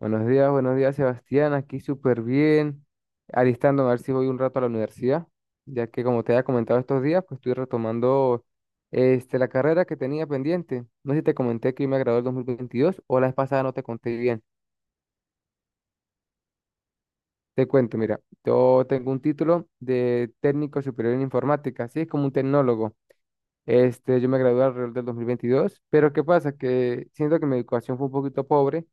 Buenos días, Sebastián. Aquí súper bien. Alistándome a ver si voy un rato a la universidad, ya que como te había comentado estos días, pues estoy retomando este, la carrera que tenía pendiente. No sé si te comenté que yo me gradué el 2022 o la vez pasada no te conté bien. Te cuento, mira, yo tengo un título de técnico superior en informática, así es como un tecnólogo. Este, yo me gradué alrededor del 2022, pero ¿qué pasa? Que siento que mi educación fue un poquito pobre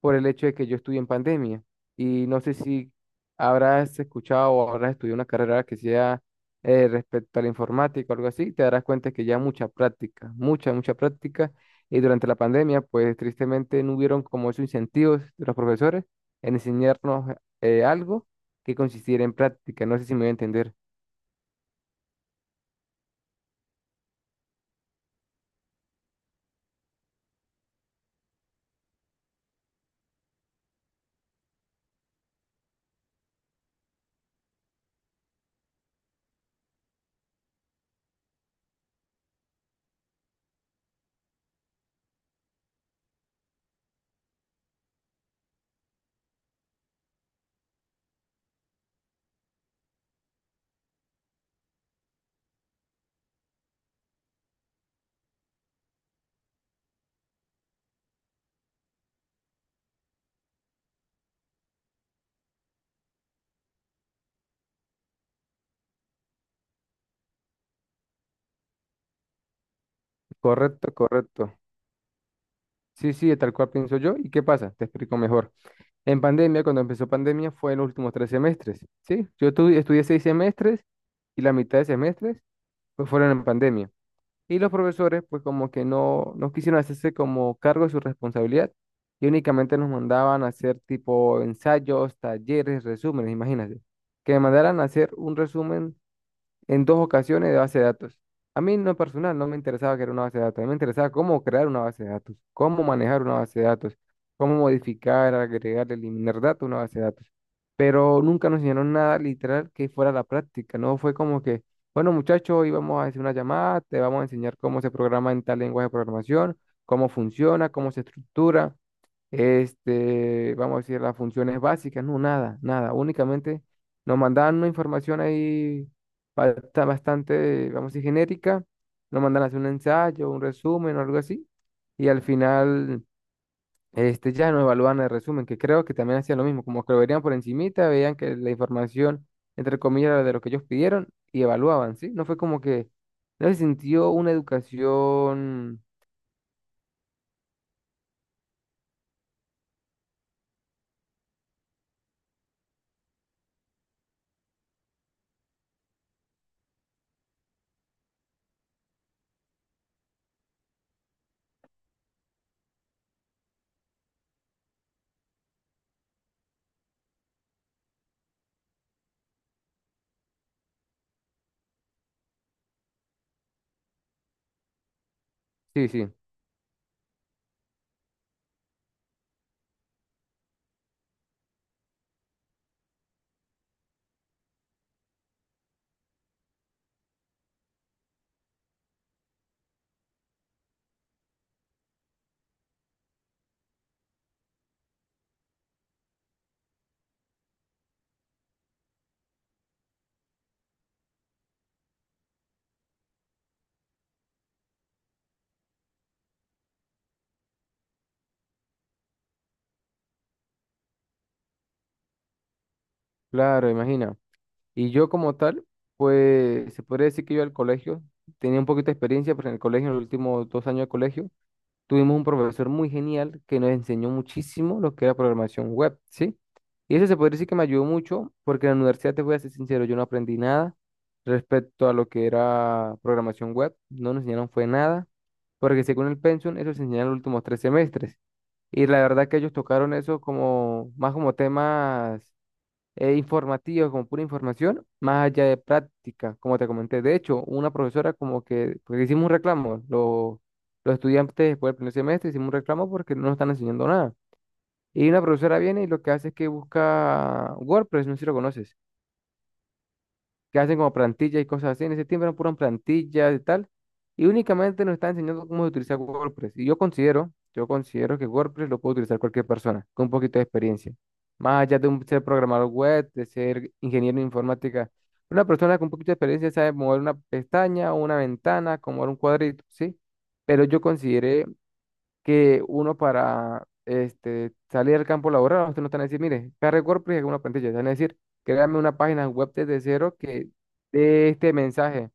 por el hecho de que yo estudié en pandemia. Y no sé si habrás escuchado o habrás estudiado una carrera que sea respecto a la informática o algo así, te darás cuenta que ya mucha práctica, mucha, mucha práctica. Y durante la pandemia, pues tristemente no hubieron como esos incentivos de los profesores en enseñarnos algo que consistiera en práctica. No sé si me voy a entender. Correcto, correcto. Sí, sí, tal cual pienso yo. ¿Y qué pasa? Te explico mejor. En pandemia, cuando empezó pandemia, fue en los últimos 3 semestres, ¿sí? Yo estudié 6 semestres y la mitad de semestres pues fueron en pandemia. Y los profesores pues como que no, no quisieron hacerse como cargo de su responsabilidad y únicamente nos mandaban a hacer tipo ensayos, talleres, resúmenes, imagínate. Que me mandaran a hacer un resumen en dos ocasiones de base de datos. A mí no personal, no me interesaba que era una base de datos, a mí me interesaba cómo crear una base de datos, cómo manejar una base de datos, cómo modificar, agregar, eliminar datos a una base de datos. Pero nunca nos enseñaron nada literal que fuera la práctica, no fue como que, bueno, muchachos, hoy vamos a hacer una llamada, te vamos a enseñar cómo se programa en tal lenguaje de programación, cómo funciona, cómo se estructura este, vamos a decir, las funciones básicas. No, nada, nada, únicamente nos mandaban una información ahí bastante, vamos a decir, genérica, nos mandan a hacer un ensayo, un resumen o algo así, y al final, este, ya nos evalúan el resumen, que creo que también hacían lo mismo, como que lo verían por encimita, veían que la información, entre comillas, era de lo que ellos pidieron, y evaluaban, ¿sí? No fue como que, no se sintió una educación, sí, sí, claro, imagina. Y yo como tal, pues se podría decir que yo al colegio tenía un poquito de experiencia, porque en el colegio, en los últimos 2 años de colegio, tuvimos un profesor muy genial que nos enseñó muchísimo lo que era programación web, ¿sí? Y eso se podría decir que me ayudó mucho, porque en la universidad, te voy a ser sincero, yo no aprendí nada respecto a lo que era programación web, no nos enseñaron fue nada, porque según el Pensum, eso se enseñó en los últimos 3 semestres. Y la verdad que ellos tocaron eso como más como temas informativos, como pura información, más allá de práctica, como te comenté. De hecho, una profesora, como que, porque hicimos un reclamo, los estudiantes después del primer semestre hicimos un reclamo porque no nos están enseñando nada. Y una profesora viene y lo que hace es que busca WordPress, no sé si lo conoces, que hacen como plantillas y cosas así. En ese tiempo eran puras plantillas y tal. Y únicamente nos están enseñando cómo utilizar WordPress. Y yo considero que WordPress lo puede utilizar cualquier persona con un poquito de experiencia. Más allá de un, ser programador web, de ser ingeniero en informática. Una persona con un poquito de experiencia sabe mover una pestaña o una ventana, como mover un cuadrito, ¿sí? Pero yo consideré que uno para este, salir al campo laboral, usted no te van a decir, mire, cargue WordPress y haga una plantilla. Te van a decir, créame una página web desde cero que dé este mensaje,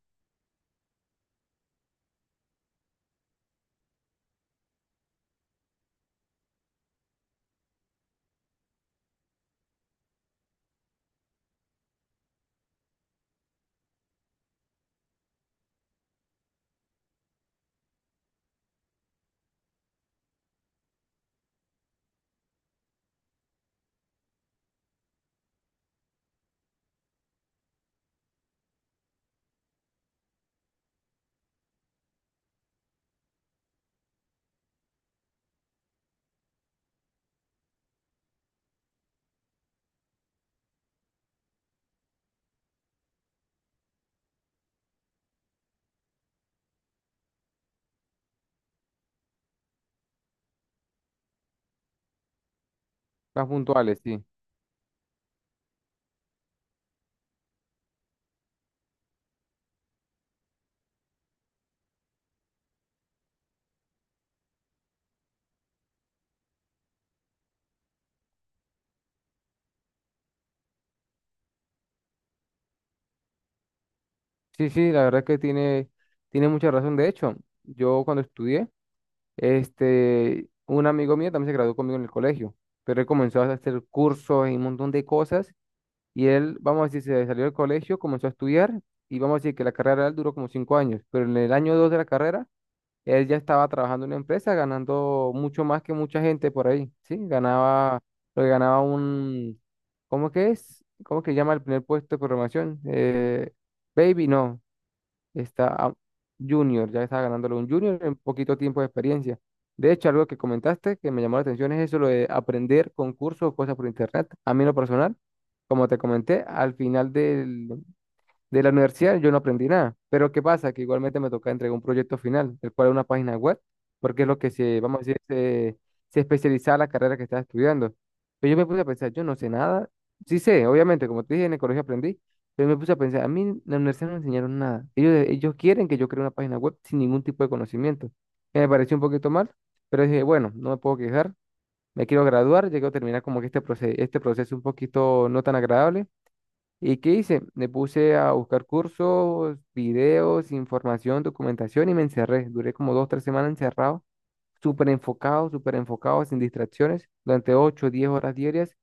más puntuales, sí. Sí, sí, la verdad es que tiene mucha razón. De hecho, yo cuando estudié, este, un amigo mío también se graduó conmigo en el colegio, pero él comenzó a hacer cursos y un montón de cosas. Y él, vamos a decir, se salió del colegio, comenzó a estudiar, y vamos a decir que la carrera de él duró como 5 años, pero en el año dos de la carrera, él ya estaba trabajando en una empresa ganando mucho más que mucha gente por ahí, ¿sí? Ganaba, lo que ganaba un, ¿cómo que es? ¿Cómo que llama el primer puesto de programación? Baby, no, está Junior, ya estaba ganándolo un Junior en poquito tiempo de experiencia. De hecho, algo que comentaste que me llamó la atención es eso, lo de aprender concursos o cosas por internet. A mí en lo personal, como te comenté, al final de la universidad yo no aprendí nada, pero ¿qué pasa? Que igualmente me toca entregar un proyecto final, el cual es una página web, porque es lo que se, vamos a decir, se especializaba la carrera que estaba estudiando. Pero yo me puse a pensar, yo no sé nada, sí sé, obviamente, como te dije, en el colegio aprendí, pero me puse a pensar, a mí en la universidad no me enseñaron nada. Ellos quieren que yo cree una página web sin ningún tipo de conocimiento, que me pareció un poquito mal, pero dije, bueno, no me puedo quejar, me quiero graduar, llego a terminar como que este, este proceso un poquito no tan agradable. ¿Y qué hice? Me puse a buscar cursos, videos, información, documentación y me encerré. Duré como 2, 3 semanas encerrado, súper enfocado, sin distracciones, durante 8, 10 horas diarias,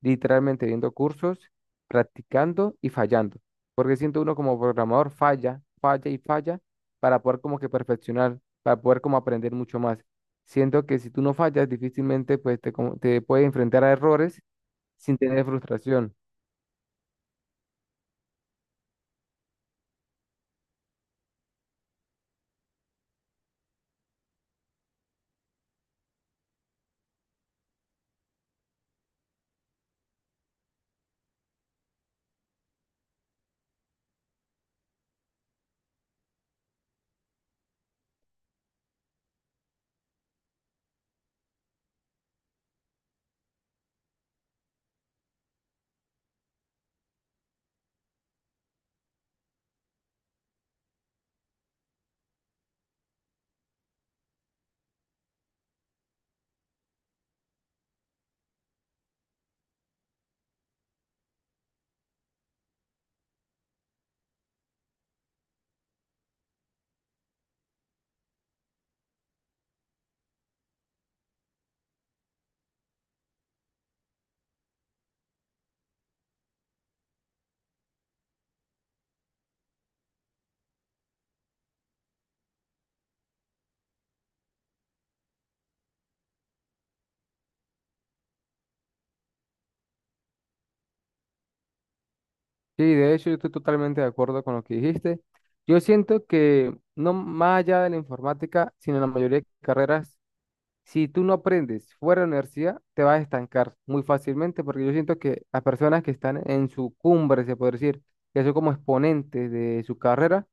literalmente viendo cursos, practicando y fallando. Porque siento uno como programador falla, falla y falla para poder como que perfeccionar, para poder como aprender mucho más. Siento que si tú no fallas, difícilmente pues te puedes enfrentar a errores sin tener frustración. Sí, de hecho, yo estoy totalmente de acuerdo con lo que dijiste. Yo siento que no más allá de la informática, sino en la mayoría de carreras, si tú no aprendes fuera de la universidad, te vas a estancar muy fácilmente, porque yo siento que las personas que están en su cumbre, se puede decir, que son como exponentes de su carrera,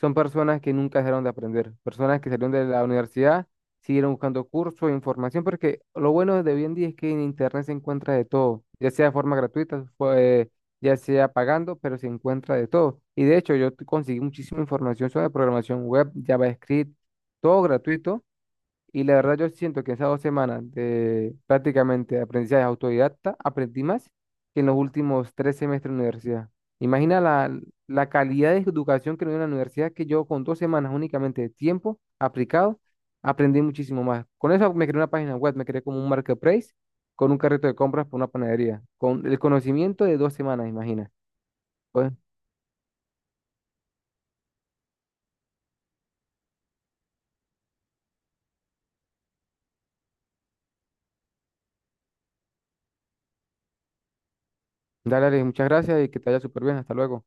son personas que nunca dejaron de aprender, personas que salieron de la universidad, siguieron buscando cursos e información, porque lo bueno de hoy en día es que en internet se encuentra de todo, ya sea de forma gratuita, ya sea pagando, pero se encuentra de todo. Y de hecho, yo conseguí muchísima información sobre programación web, JavaScript, todo gratuito, y la verdad yo siento que en esas 2 semanas de prácticamente aprendizaje autodidacta, aprendí más que en los últimos 3 semestres de universidad. Imagina la calidad de educación que me dio la universidad, que yo con 2 semanas únicamente de tiempo aplicado, aprendí muchísimo más. Con eso me creé una página web, me creé como un marketplace con un carrito de compras por una panadería, con el conocimiento de 2 semanas, imagina. Pues, dale, Alex, muchas gracias y que te vaya súper bien. Hasta luego.